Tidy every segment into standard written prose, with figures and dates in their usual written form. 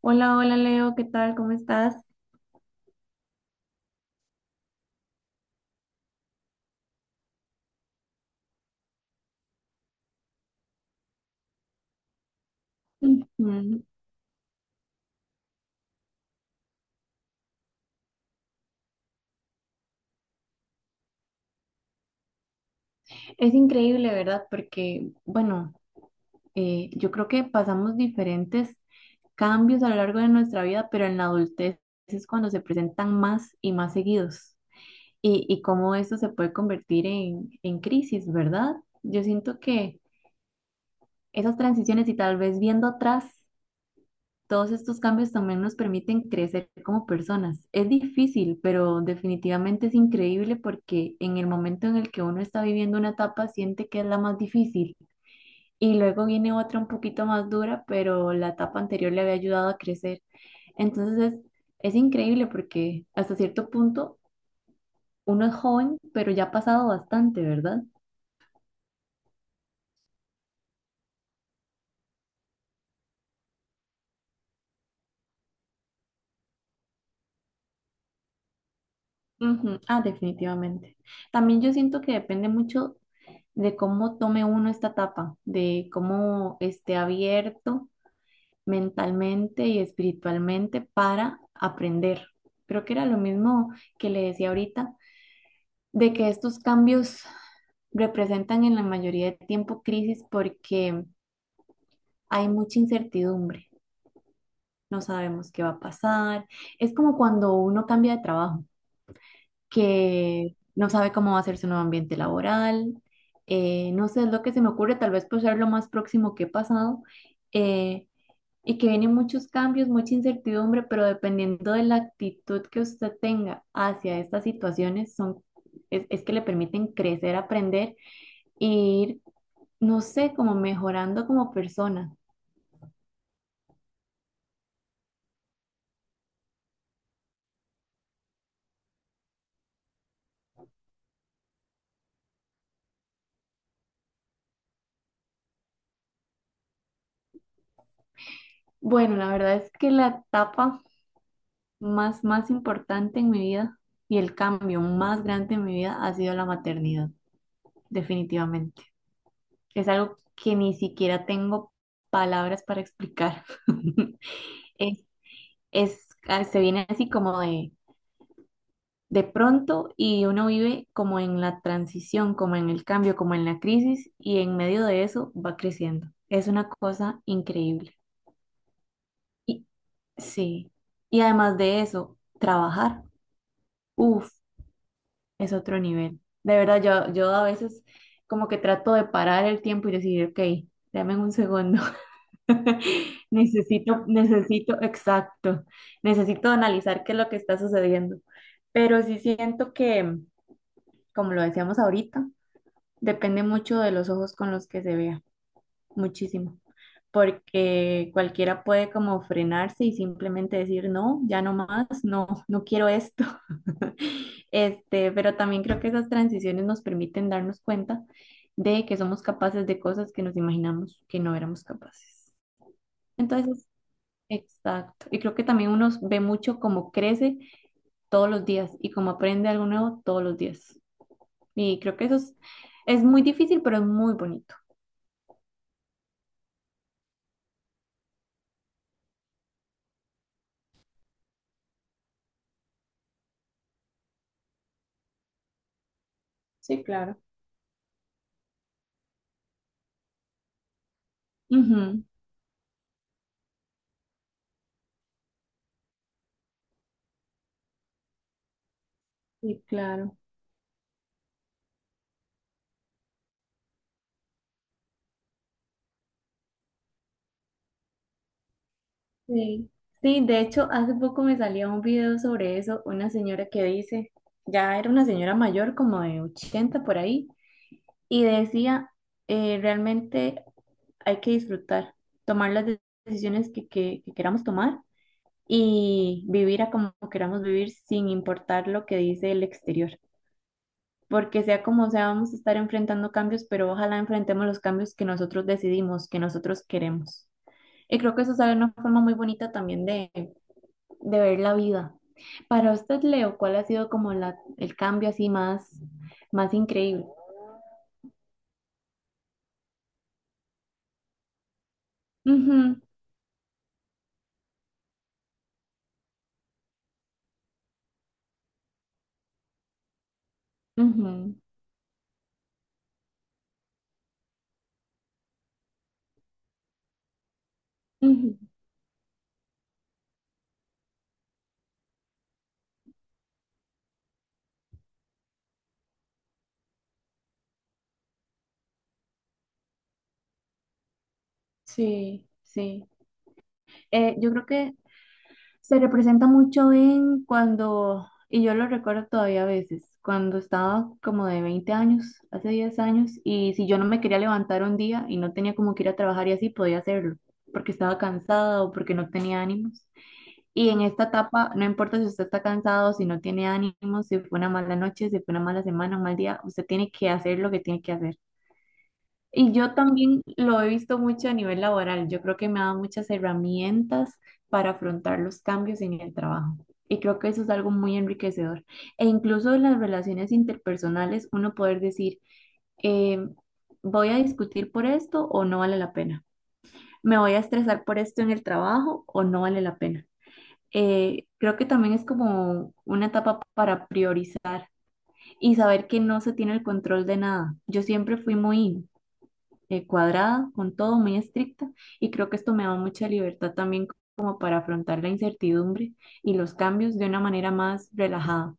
Hola, hola Leo, ¿qué tal? ¿Cómo estás? Ujú. Es increíble, ¿verdad? Porque, bueno, yo creo que pasamos diferentes cambios a lo largo de nuestra vida, pero en la adultez es cuando se presentan más y más seguidos. Y cómo esto se puede convertir en crisis, ¿verdad? Yo siento que esas transiciones y tal vez viendo atrás, todos estos cambios también nos permiten crecer como personas. Es difícil, pero definitivamente es increíble porque en el momento en el que uno está viviendo una etapa siente que es la más difícil y luego viene otra un poquito más dura, pero la etapa anterior le había ayudado a crecer. Entonces es, es increíble porque hasta cierto punto uno es joven, pero ya ha pasado bastante, ¿verdad? Ujú. Ah, definitivamente. También yo siento que depende mucho de cómo tome uno esta etapa, de cómo esté abierto mentalmente y espiritualmente para aprender. Creo que era lo mismo que le decía ahorita, de que estos cambios representan en la mayoría de tiempo crisis porque hay mucha incertidumbre. No sabemos qué va a pasar. Es como cuando uno cambia de trabajo, que no sabe cómo va a ser su nuevo ambiente laboral, no sé, es lo que se me ocurre, tal vez por ser lo más próximo que he pasado, eh, y que vienen muchos cambios, mucha incertidumbre, pero dependiendo de la actitud que usted tenga hacia estas situaciones, es que le permiten crecer, aprender e ir, no sé, como mejorando como persona. Bueno, la verdad es que la etapa más importante en mi vida y el cambio más grande en mi vida ha sido la maternidad, definitivamente. Es algo que ni siquiera tengo palabras para explicar. Es, se viene así como de pronto y uno vive como en la transición, como en el cambio, como en la crisis y en medio de eso va creciendo. Es una cosa increíble. Y, sí. Y además de eso, trabajar, uff, es otro nivel. De verdad, yo a veces como que trato de parar el tiempo y decir, ok, dame un segundo. Necesito, exacto, necesito analizar qué es lo que está sucediendo. Pero sí siento que, como lo decíamos ahorita, depende mucho de los ojos con los que se vea, muchísimo, porque cualquiera puede como frenarse y simplemente decir, no, ya no más, no, no quiero esto. Este, pero también creo que esas transiciones nos permiten darnos cuenta de que somos capaces de cosas que nos imaginamos que no éramos capaces. Entonces, exacto. Y creo que también uno ve mucho cómo crece todos los días y cómo aprende algo nuevo todos los días. Y creo que es muy difícil, pero es muy bonito. Sí, claro. Ujú. Sí, claro. Sí. Sí, de hecho, hace poco me salía un video sobre eso, una señora que dice, ya era una señora mayor, como de 80 por ahí, y decía, realmente hay que disfrutar, tomar las decisiones que queramos tomar y vivir a como queramos vivir sin importar lo que dice el exterior. Porque sea como sea, vamos a estar enfrentando cambios, pero ojalá enfrentemos los cambios que nosotros decidimos, que nosotros queremos. Y creo que eso es una forma muy bonita también de ver la vida. Para usted, Leo, ¿cuál ha sido como el cambio así más increíble? Ujú, ujú, ujú. Sí, sí. Yo creo que se representa mucho en cuando, y yo lo recuerdo todavía a veces, cuando estaba como de 20 años, hace 10 años, y si yo no me quería levantar un día y no tenía como que ir a trabajar y así, podía hacerlo, porque estaba cansada o porque no tenía ánimos. Y en esta etapa, no importa si usted está cansado, si no tiene ánimos, si fue una mala noche, si fue una mala semana, un mal día, usted tiene que hacer lo que tiene que hacer. Y yo también lo he visto mucho a nivel laboral. Yo creo que me ha dado muchas herramientas para afrontar los cambios en el trabajo. Y creo que eso es algo muy enriquecedor. E incluso en las relaciones interpersonales, uno poder decir, eh, voy a discutir por esto o no vale la pena. Me voy a estresar por esto en el trabajo o no vale la pena. Creo que también es como una etapa para priorizar y saber que no se tiene el control de nada. Yo siempre fui muy cuadrada, con todo, muy estricta, y creo que esto me da mucha libertad también como para afrontar la incertidumbre y los cambios de una manera más relajada,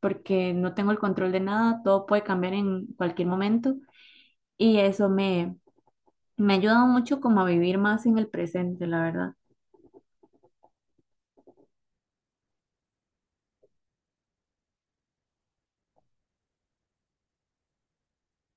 porque no tengo el control de nada, todo puede cambiar en cualquier momento y me ha ayudado mucho como a vivir más en el presente, la verdad.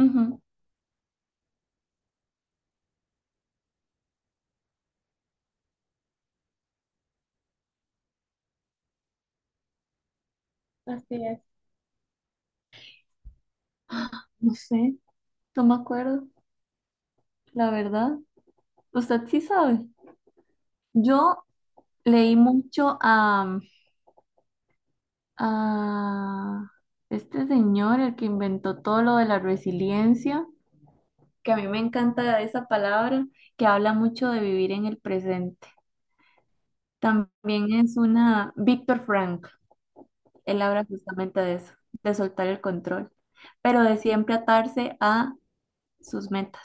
Ujú. Así es. No sé, no me acuerdo, la verdad. Usted sí sabe. Yo leí mucho a este señor, el que inventó todo lo de la resiliencia, que a mí me encanta esa palabra, que habla mucho de vivir en el presente. También es una, Víctor Frank, él habla justamente de eso, de soltar el control, pero de siempre atarse a sus metas.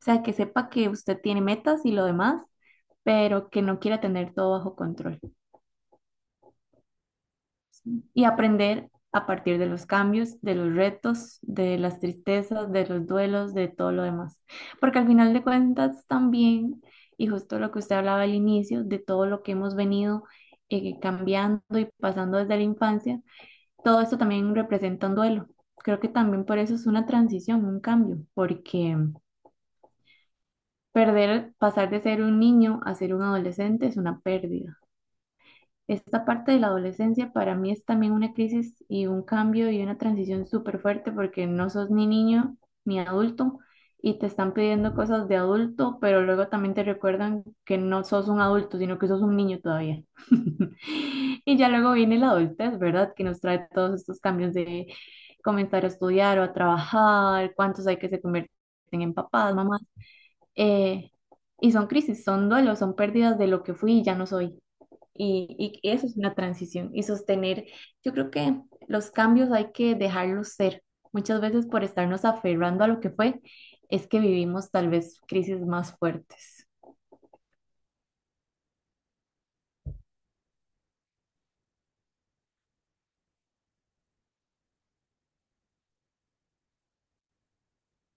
O sea, que sepa que usted tiene metas y lo demás, pero que no quiera tener todo bajo control. Y aprender a partir de los cambios, de los retos, de las tristezas, de los duelos, de todo lo demás. Porque al final de cuentas también, y justo lo que usted hablaba al inicio, de todo lo que hemos venido cambiando y pasando desde la infancia, todo esto también representa un duelo. Creo que también por eso es una transición, un cambio, porque perder, pasar de ser un niño a ser un adolescente es una pérdida. Esta parte de la adolescencia para mí es también una crisis y un cambio y una transición súper fuerte porque no sos ni niño ni adulto y te están pidiendo cosas de adulto, pero luego también te recuerdan que no sos un adulto, sino que sos un niño todavía. Y ya luego viene la adultez, ¿verdad? Que nos trae todos estos cambios de comenzar a estudiar o a trabajar, cuántos hay que se convierten en papás, mamás. eh, y son crisis, son duelos, son pérdidas de lo que fui y ya no soy. Y eso es una transición y sostener. Yo creo que los cambios hay que dejarlos ser. Muchas veces por estarnos aferrando a lo que fue, es que vivimos tal vez crisis más fuertes.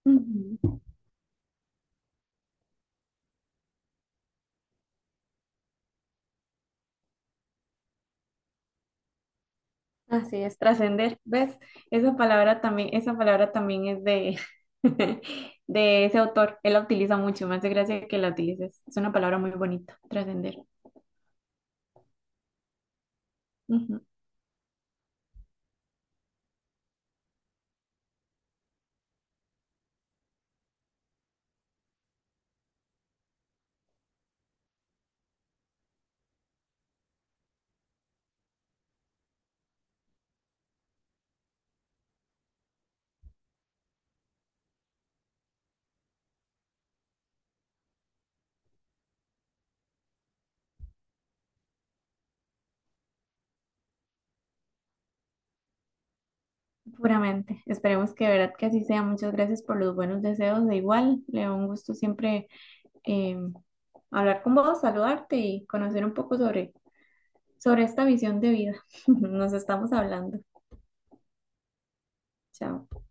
Ujú. Así es, trascender. ¿Ves? Esa palabra también es de, de ese autor. Él la utiliza mucho. Me hace gracia que la utilices. Es una palabra muy bonita, trascender. Ujú. Puramente. Esperemos que de verdad que así sea. Muchas gracias por los buenos deseos. De igual, Leo, un gusto siempre eh, hablar con vos, saludarte y conocer un poco sobre, sobre esta visión de vida. Nos estamos hablando. Chao.